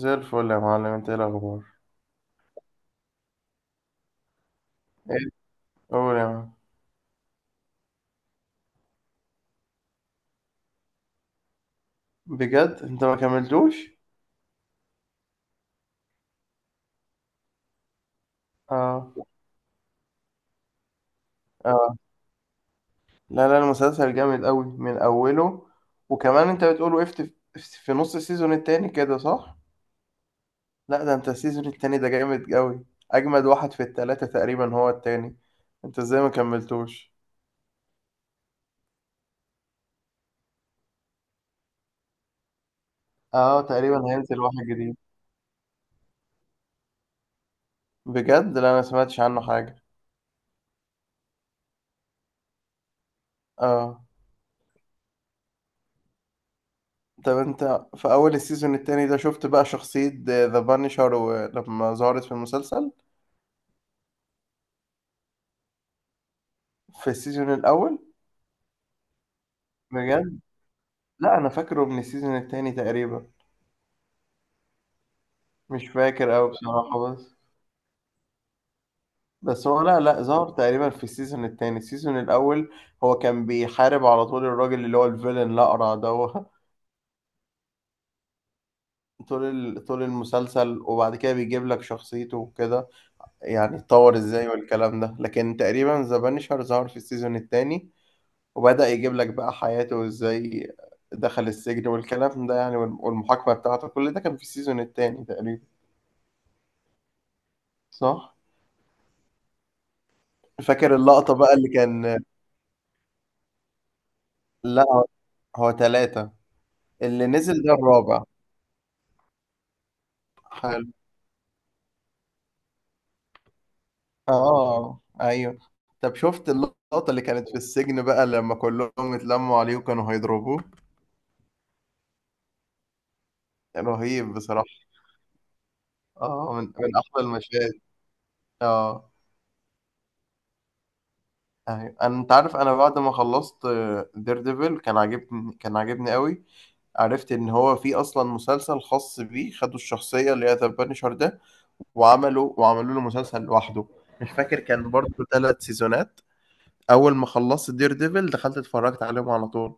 زي الفل يا معلم، انت ايه الاخبار؟ ايه؟ قول يا معلم. بجد، انت ما كملتوش؟ اه، اه. لا، لا، المسلسل جامد قوي من اوله. وكمان انت بتقول وقفت في نص السيزون التاني كده، صح؟ لا، ده انت السيزون التاني ده جامد قوي. اجمد واحد في التلاتة تقريبا هو التاني. انت ازاي ما كملتوش؟ اه، تقريبا هينزل واحد جديد. بجد؟ لا، انا ما سمعتش عنه حاجة. اه. طب انت في اول السيزون التاني ده، شفت بقى شخصية ذا بانشر لما ظهرت في المسلسل؟ في السيزون الأول؟ بجد؟ لا، أنا فاكره من السيزون التاني تقريبا، مش فاكر أوي بصراحة بس. بس هو، لا، لا، ظهر تقريبا في السيزون التاني، السيزون الأول. هو كان بيحارب على طول الراجل اللي هو الفيلن الأقرع ده هو. طول المسلسل وبعد كده بيجيب لك شخصيته وكده، يعني اتطور ازاي والكلام ده، لكن تقريبا ذا بانشر ظهر في السيزون التاني. وبدأ يجيب لك بقى حياته وازاي دخل السجن والكلام ده، يعني، والمحاكمة بتاعته، كل ده كان في السيزون التاني تقريبا، صح؟ فاكر اللقطة بقى اللي كان. لا، هو ثلاثة، اللي نزل ده الرابع. حلو. اه، ايوه. طب شفت اللقطة اللي كانت في السجن بقى لما كلهم اتلموا عليه وكانوا هيضربوه؟ رهيب بصراحة. اه، من احلى المشاهد. اه، ايوه. انت عارف انا بعد ما خلصت دير ديفل كان عاجبني قوي. عرفت ان هو في اصلا مسلسل خاص بيه، خدوا الشخصية اللي هي ذا بانشر ده، وعملوا له مسلسل لوحده. مش فاكر كان برضه ثلاث سيزونات. اول ما خلصت دير ديفل دخلت اتفرجت عليهم على طول.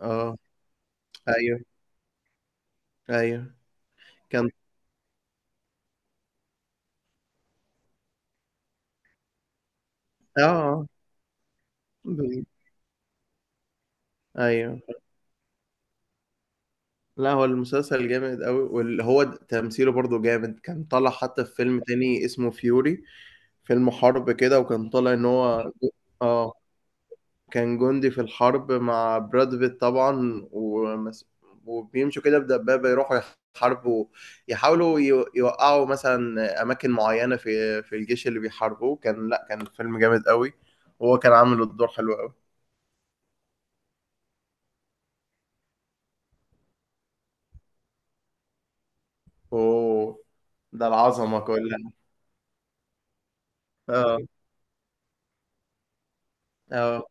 اه، ايوه، ايوه، كان. اه، آه. بال- ايوه. لا، هو المسلسل جامد قوي واللي هو تمثيله برضه جامد، كان طالع حتى في فيلم تاني اسمه فيوري. فيلم حرب كده، وكان طالع ان هو، اه، كان جندي في الحرب مع براد بيت طبعا، وبيمشوا كده بدبابة يروحوا يحاربوا، يحاولوا يوقعوا مثلا أماكن معينة في الجيش اللي بيحاربوه. كان، لأ، كان فيلم جامد قوي، وهو كان عامل الدور حلو قوي. أوه، ده العظمة كلها. اه، اه،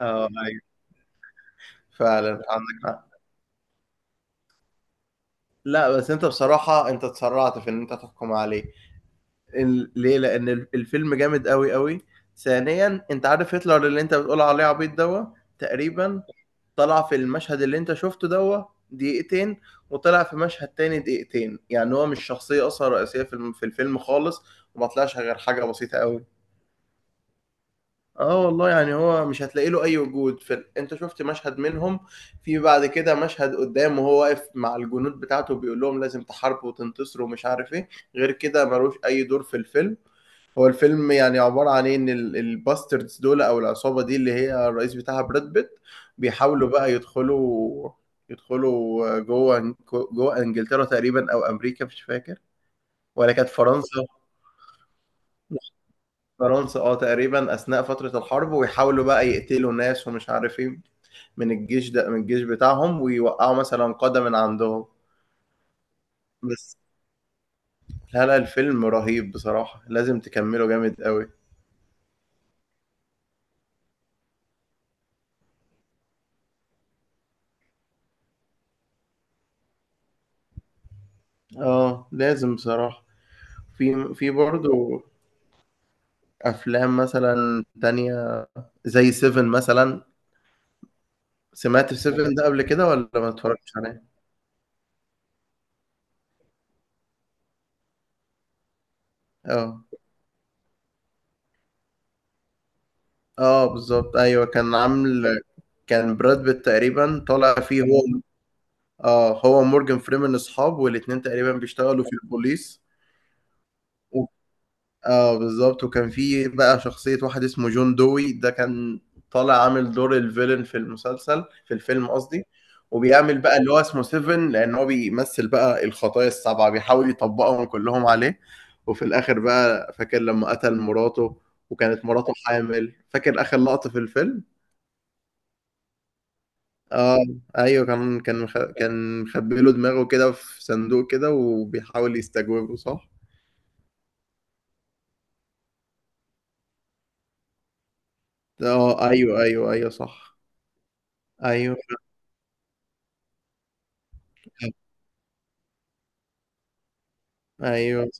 اه، ايوه. فعلا عندك حق. لا، بس انت بصراحة انت اتسرعت في ان انت تحكم عليه. ليه؟ لان الفيلم جامد قوي قوي. ثانيا، انت عارف هتلر اللي انت بتقول عليه عبيط دوا، تقريبا طلع في المشهد اللي انت شفته دوا دقيقتين، وطلع في مشهد تاني دقيقتين، يعني هو مش شخصية اصلا رئيسية في الفيلم خالص، وما طلعش غير حاجة بسيطة قوي. اه والله، يعني هو مش هتلاقي له اي وجود انت شفت مشهد منهم. في بعد كده مشهد قدام، وهو واقف مع الجنود بتاعته بيقول لهم لازم تحاربوا وتنتصروا ومش عارف ايه. غير كده ملوش اي دور في الفيلم. هو الفيلم يعني عبارة عن إيه؟ إن الباستردز دول، أو العصابة دي اللي هي الرئيس بتاعها براد بيت، بيحاولوا بقى يدخلوا جوه إنجلترا تقريبا أو أمريكا، مش فاكر، ولا كانت فرنسا. فرنسا، اه، تقريبا أثناء فترة الحرب، ويحاولوا بقى يقتلوا ناس ومش عارف إيه من الجيش ده، من الجيش بتاعهم، ويوقعوا مثلا قادة من عندهم. بس. لا، لا، الفيلم رهيب بصراحة، لازم تكمله، جامد قوي. اه، لازم بصراحة. في برضه افلام مثلا تانية، زي سيفن مثلا. سمعت سيفن ده قبل كده ولا ما اتفرجتش عليه؟ اه، اه، بالظبط، ايوه، كان عامل، كان براد بيت تقريبا طالع فيه هو. اه، هو مورجان فريمان اصحاب، والاتنين تقريبا بيشتغلوا في البوليس. آه بالضبط، وكان في بقى شخصية واحد اسمه جون دوي، ده كان طالع عامل دور الvillain في المسلسل، في الفيلم قصدي، وبيعمل بقى اللي هو اسمه سيفن لإن هو بيمثّل بقى الخطايا ال7، بيحاول يطبّقهم كلّهم عليه، وفي الآخر بقى، فاكر لمّا قتل مراته وكانت مراته حامل، فاكر آخر لقطة في الفيلم؟ آه، أيوه، كان مخبّي له دماغه كده في صندوق كده وبيحاول يستجوبه، صح؟ آه، أيوه، أيوه، أيوه صح، أيوه، أيوه.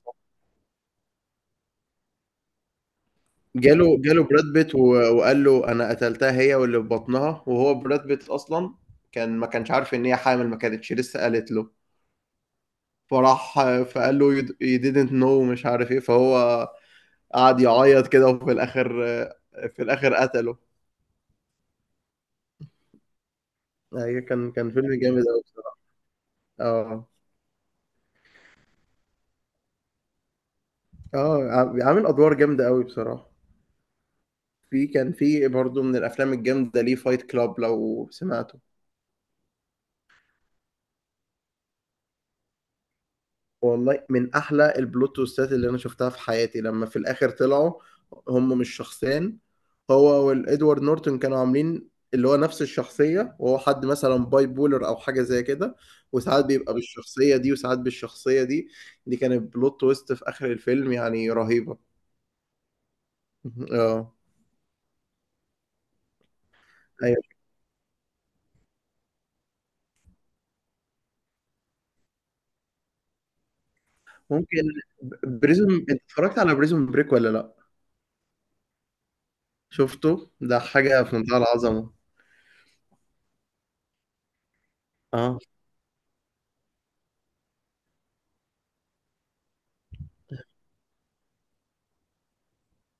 جاله براد بيت وقال له انا قتلتها هي واللي في بطنها، وهو براد بيت اصلا كان ما كانش عارف ان هي حامل، ما كانتش لسه قالت له. فراح فقال له you didn't know مش عارف ايه، فهو قعد يعيط كده، وفي الاخر قتله. ايوه، كان فيلم جامد قوي بصراحه. اه، اه، عامل ادوار جامده قوي بصراحه. في كان في برضه من الافلام الجامده ليه فايت كلاب، لو سمعته. والله من احلى البلوت تويستات اللي انا شفتها في حياتي، لما في الاخر طلعوا هم مش شخصين، هو والادوارد نورتون كانوا عاملين اللي هو نفس الشخصية، وهو حد مثلا باي بولر او حاجة زي كده، وساعات بيبقى بالشخصية دي وساعات بالشخصية دي. دي كانت بلوت تويست في اخر الفيلم، يعني رهيبة. اه، ايوه، ممكن. انت اتفرجت على بريزون بريك ولا لا؟ شفته؟ ده حاجة في منتهى العظمة. اه،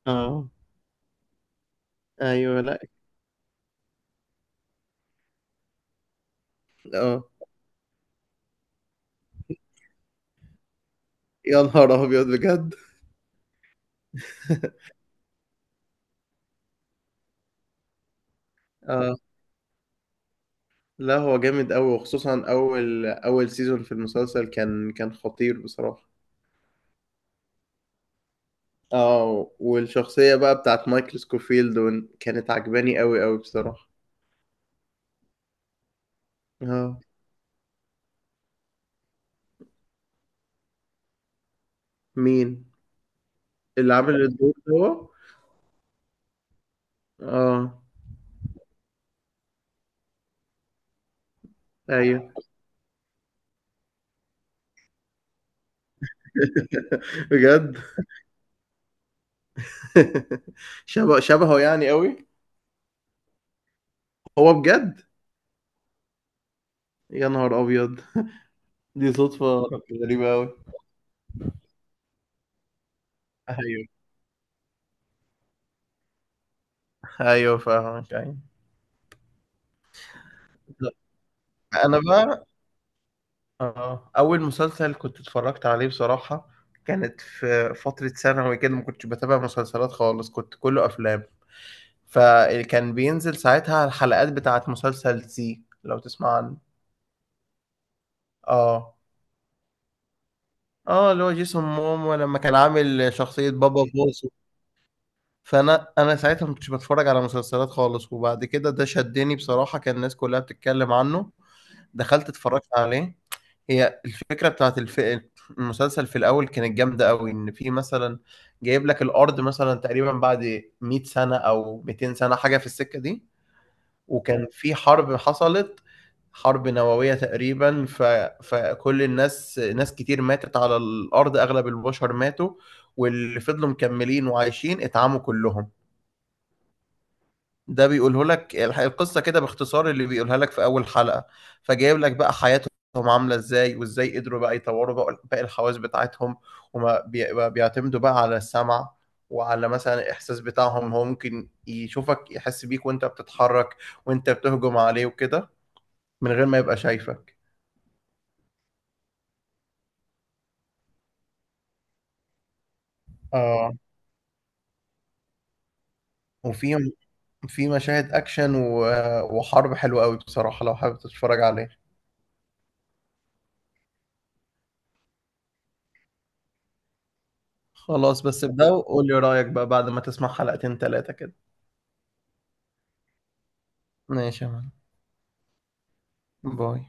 اه، ايوه، لا، اه. يا نهار ابيض بجد. اه، لا، هو جامد قوي، وخصوصا اول سيزون في المسلسل كان خطير بصراحة. اه، والشخصية بقى بتاعت مايكل سكوفيلد كانت عجباني قوي قوي بصراحة. اه. مين؟ اللي عامل الدور ده هو؟ اه، ايوه. بجد. شبه شبهه يعني قوي. هو بجد. يا نهار ابيض، دي صدفة غريبة قوي. ايوه، ايوه، فاهمك، ايوه. انا بقى، اه اول مسلسل كنت اتفرجت عليه بصراحة، كانت في فترة ثانوي كده، ما كنتش بتابع مسلسلات خالص، كنت كله افلام. فكان بينزل ساعتها الحلقات بتاعت مسلسل سي، لو تسمع عنه. اه، اه، اللي هو جيسون مومو لما كان عامل شخصية بابا بوسو. فانا ساعتها ما كنتش بتفرج على مسلسلات خالص، وبعد كده ده شدني بصراحة، كان الناس كلها بتتكلم عنه. دخلت اتفرجت عليه. هي الفكرة بتاعت المسلسل في الأول كانت جامدة أوي، إن في مثلا جايب لك الأرض مثلا تقريبا بعد 100 سنة أو 200 سنة، حاجة في السكة دي، وكان في حرب حصلت، حرب نووية تقريبا، فكل الناس ناس كتير ماتت على الأرض، أغلب البشر ماتوا، واللي فضلوا مكملين وعايشين اتعموا كلهم. ده بيقوله لك القصة كده باختصار اللي بيقولها لك في أول حلقة. فجايب لك بقى حياتهم عاملة ازاي، وازاي قدروا بقى يطوروا بقى باقي الحواس بتاعتهم، ما بيعتمدوا بقى على السمع، وعلى مثلا الإحساس بتاعهم، هو ممكن يشوفك، يحس بيك وانت بتتحرك وانت بتهجم عليه وكده، من غير ما يبقى شايفك. اه، وفي مشاهد أكشن وحرب حلوة قوي بصراحة، لو حابب تتفرج عليه. خلاص، بس ابدأ وقول لي رأيك بقى بعد ما تسمع حلقتين تلاتة كده. ماشي يا معلم. باي